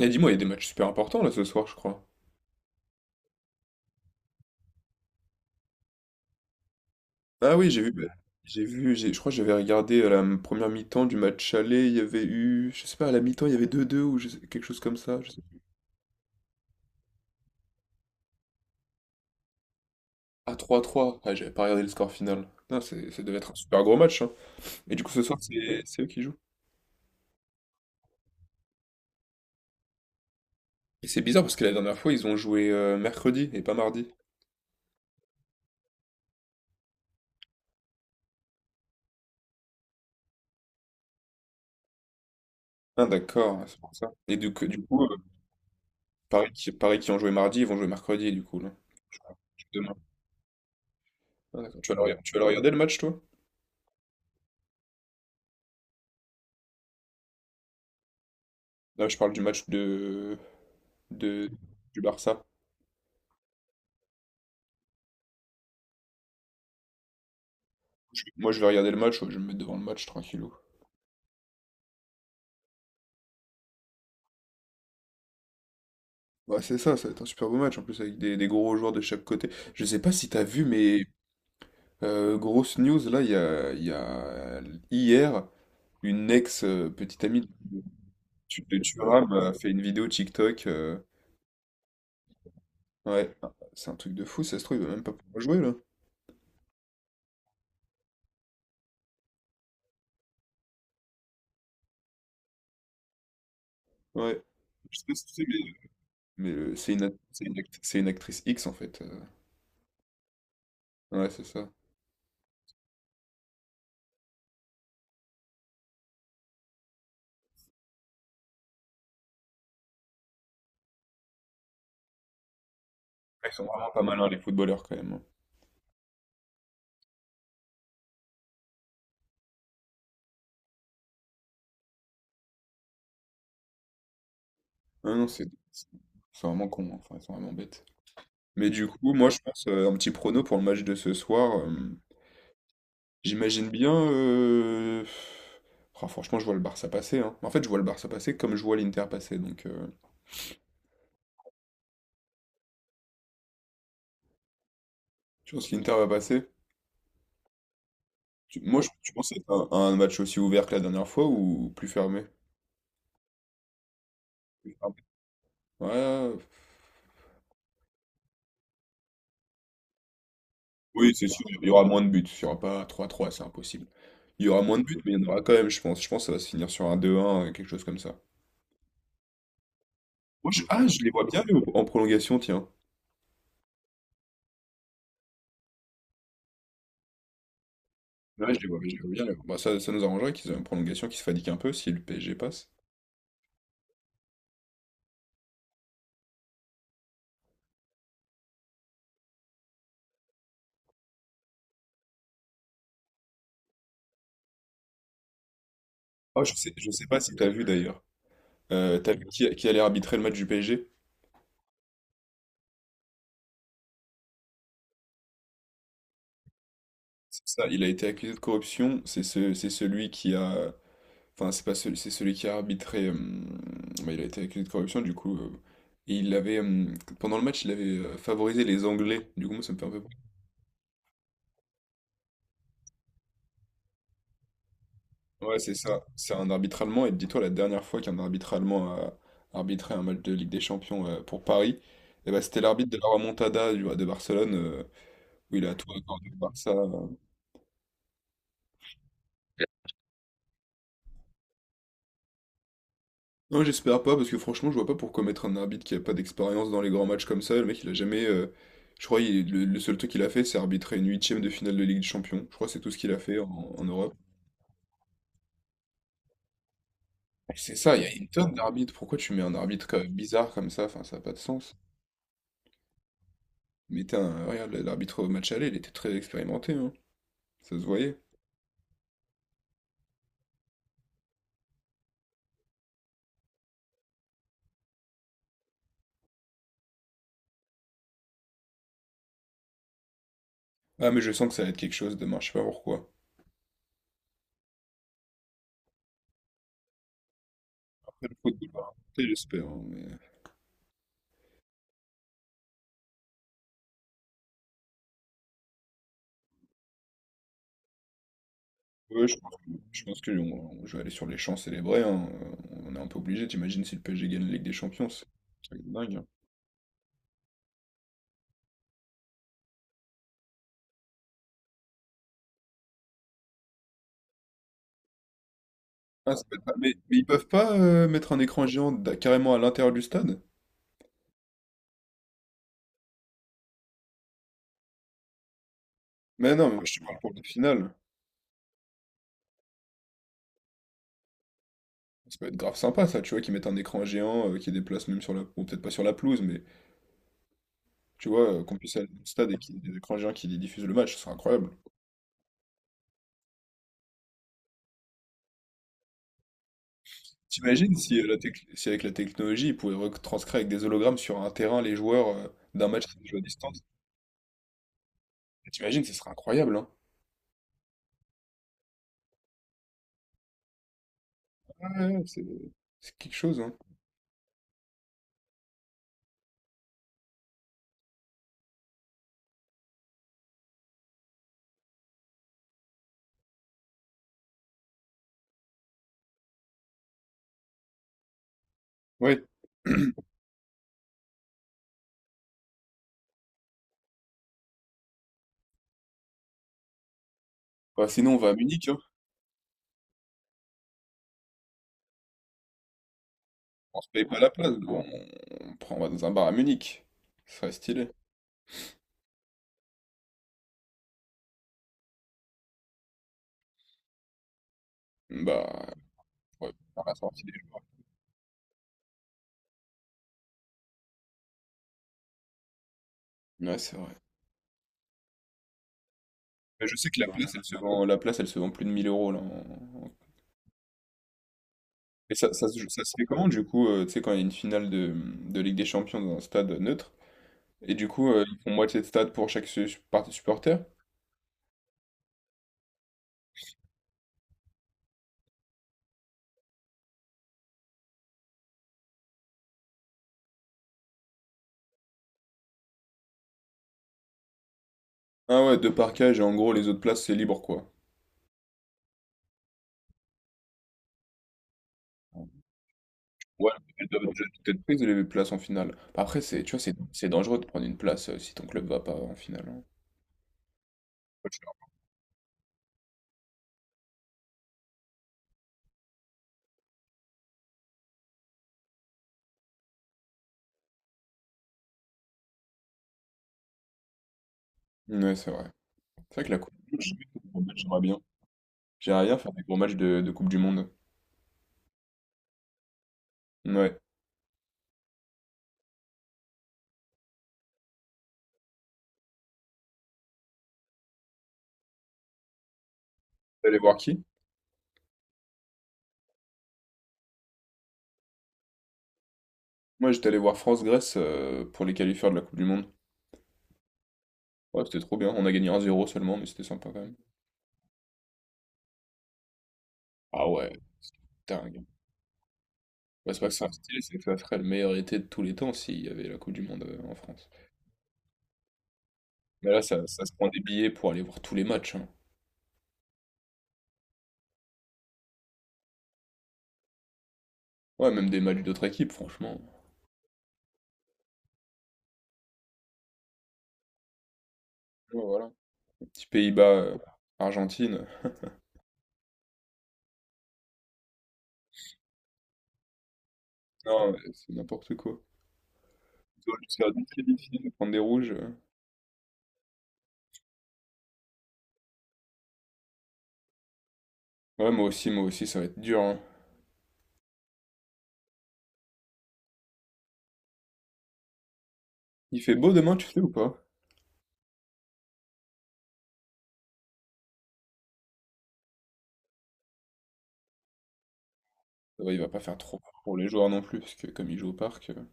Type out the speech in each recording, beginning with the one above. Et dis-moi, il y a des matchs super importants là ce soir, je crois. Ah oui, j'ai vu, j'ai vu, je crois que j'avais regardé à la première mi-temps du match aller, il y avait eu, je sais pas, à la mi-temps il y avait deux deux ou quelque chose comme ça. Je sais. Ah 3-3, ah, j'avais pas regardé le score final. Non, c'est- Ça devait être un super gros match, hein. Et du coup ce soir c'est eux qui jouent. Et c'est bizarre parce que la dernière fois, ils ont joué mercredi et pas mardi. Ah d'accord, ouais, c'est pour ça. Et Paris qui ont joué mardi, ils vont jouer mercredi du coup là. Demain. Ah, d'accord. Tu vas tu vas le regarder le match toi? Non, je parle du match de, du Barça. Moi, je vais regarder le match, ouais, je vais me mettre devant le match tranquillou. Bah, c'est ça, ça va être un super beau match en plus avec des gros joueurs de chaque côté. Je sais pas si t'as vu, mais grosse news là, il y a hier une ex petite amie de Thuram a fait une vidéo TikTok, ouais, c'est un truc de fou, ça se trouve, il va même pas pouvoir jouer là. Ouais, je sais pas si tu sais, mais c'est c'est une actrice X en fait, euh. Ouais, c'est ça. Ils sont vraiment pas malins les footballeurs quand même. Ah non, c'est vraiment con, hein. Enfin, ils sont vraiment bêtes. Mais du coup, moi, je pense un petit prono pour le match de ce soir, j'imagine bien, ah, franchement, je vois le Barça passer, hein. En fait, je vois le Barça passer comme je vois l'Inter passer. Donc, tu penses que l'Inter va passer? Tu penses que c'est un match aussi ouvert que la dernière fois ou plus fermé? Plus fermé. Ouais, oui, c'est sûr. Il y aura moins de buts. Il n'y aura pas 3 trois, c'est impossible. Il y aura moins de buts, mais il y en aura quand même, je pense. Je pense que ça va se finir sur un deux un quelque chose comme ça. Ah, je les vois bien, Léo. En prolongation, tiens. Ouais, je les vois bien, Léo. Bah, ça nous arrangerait qu'ils aient une prolongation qui se fatigue un peu si le PSG passe. Ah, je sais pas si t'as vu d'ailleurs. T'as vu qui allait arbitrer le match du PSG? C'est ça. Il a été accusé de corruption. C'est celui qui a. Enfin, c'est pas celui, c'est celui qui a arbitré, bah, il a été accusé de corruption, du coup, et il avait, pendant le match, il avait favorisé les Anglais. Du coup, moi, ça me fait un peu. Ouais, c'est ça. C'est un arbitre allemand. Et dis-toi, la dernière fois qu'un arbitre allemand a arbitré un match de Ligue des Champions pour Paris, eh ben, c'était l'arbitre de la remontada de Barcelone, où il a tout accordé au Barça, euh. Non, j'espère pas, parce que franchement, je vois pas pourquoi mettre un arbitre qui a pas d'expérience dans les grands matchs comme ça. Le mec, il a jamais, je crois le seul truc qu'il a fait, c'est arbitrer une huitième de finale de Ligue des Champions. Je crois que c'est tout ce qu'il a fait en Europe. Et c'est ça, il y a une tonne d'arbitres. Pourquoi tu mets un arbitre bizarre comme ça? Enfin, ça n'a pas de sens. Mais regarde, l'arbitre au match aller, il était très expérimenté, hein. Ça se voyait. Ah, mais je sens que ça va être quelque chose demain, je sais pas pourquoi. Après le foot, il va rater, j'espère, hein, mais… Ouais, je pense que je vais aller sur les champs célébrer, hein, on est un peu obligé, t'imagines si le PSG gagne la Ligue des Champions, c'est dingue, hein. Ah, ça peut être mais ils peuvent pas mettre un écran géant carrément à l'intérieur du stade? Mais non, mais moi, je te parle pour la finale. Ça peut être grave sympa, ça, tu vois, qu'ils mettent un écran géant qui déplace même sur la… Bon, peut-être pas sur la pelouse, mais tu vois, qu'on puisse aller au stade et qu'il y ait des écrans géants qui diffusent le match, ce serait incroyable. T'imagines si, si avec la technologie, ils pouvaient retranscrire avec des hologrammes sur un terrain les joueurs d'un match qu'ils jouent à distance? T'imagines, ce serait incroyable, hein? Ouais, ouais, c'est quelque chose, hein? Ouais. Bah, sinon, on va à Munich, hein. On se paye pas la place, mais bon, on va dans un bar à Munich. Ce serait stylé. Bah, ouais, par la sortie des gens. Ouais, c'est vrai. Mais je sais que la place, elle se vend plus de 1000 euros, là, et ça se fait comment, du coup, tu sais, quand il y a une finale de Ligue des Champions dans un stade neutre? Et du coup, ils font moitié de stade pour chaque partie supporter. Ah ouais, deux parquages et en gros, les autres places, c'est libre, quoi. Ouais, elles doivent déjà toutes être prises, les places en finale. Bah, après, c'est, tu vois, c'est dangereux de prendre une place si ton club va pas en finale, hein. Ouais, c'est vrai. C'est vrai que la Coupe du Monde, je sais pas, pour le match, j'aimerais bien. J'aimerais bien faire des gros matchs de Coupe du Monde. Ouais. Vous allez voir qui? Moi, j'étais allé voir France-Grèce pour les qualifications de la Coupe du Monde. Ouais, c'était trop bien. On a gagné 1-0 seulement, mais c'était sympa quand même. Ah ouais, c'est dingue. Ouais, c'est pas que c'est un style, c'est que ça serait le meilleur été de tous les temps s'il y avait la Coupe du Monde en France. Mais là, ça se prend des billets pour aller voir tous les matchs, hein. Ouais, même des matchs d'autres équipes, franchement. Ouais, voilà. Les Petits Pays-Bas, Argentine. Non, mais c'est n'importe quoi. Toi, ça va être très difficile de prendre des rouges, euh. Ouais, moi aussi, ça va être dur, hein. Il fait beau demain, tu sais ou pas? Ouais, il va pas faire trop peur pour les joueurs non plus, parce que comme ils jouent au parc, euh.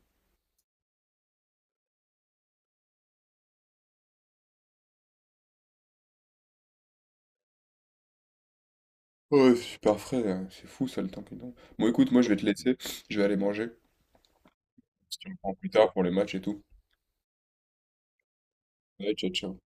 Ouais, c'est super frais, c'est fou ça le temps qu'ils ont. Bon, écoute, moi je vais te laisser, je vais aller manger. Si tu me prends plus tard pour les matchs et tout. Ouais, ciao, ciao.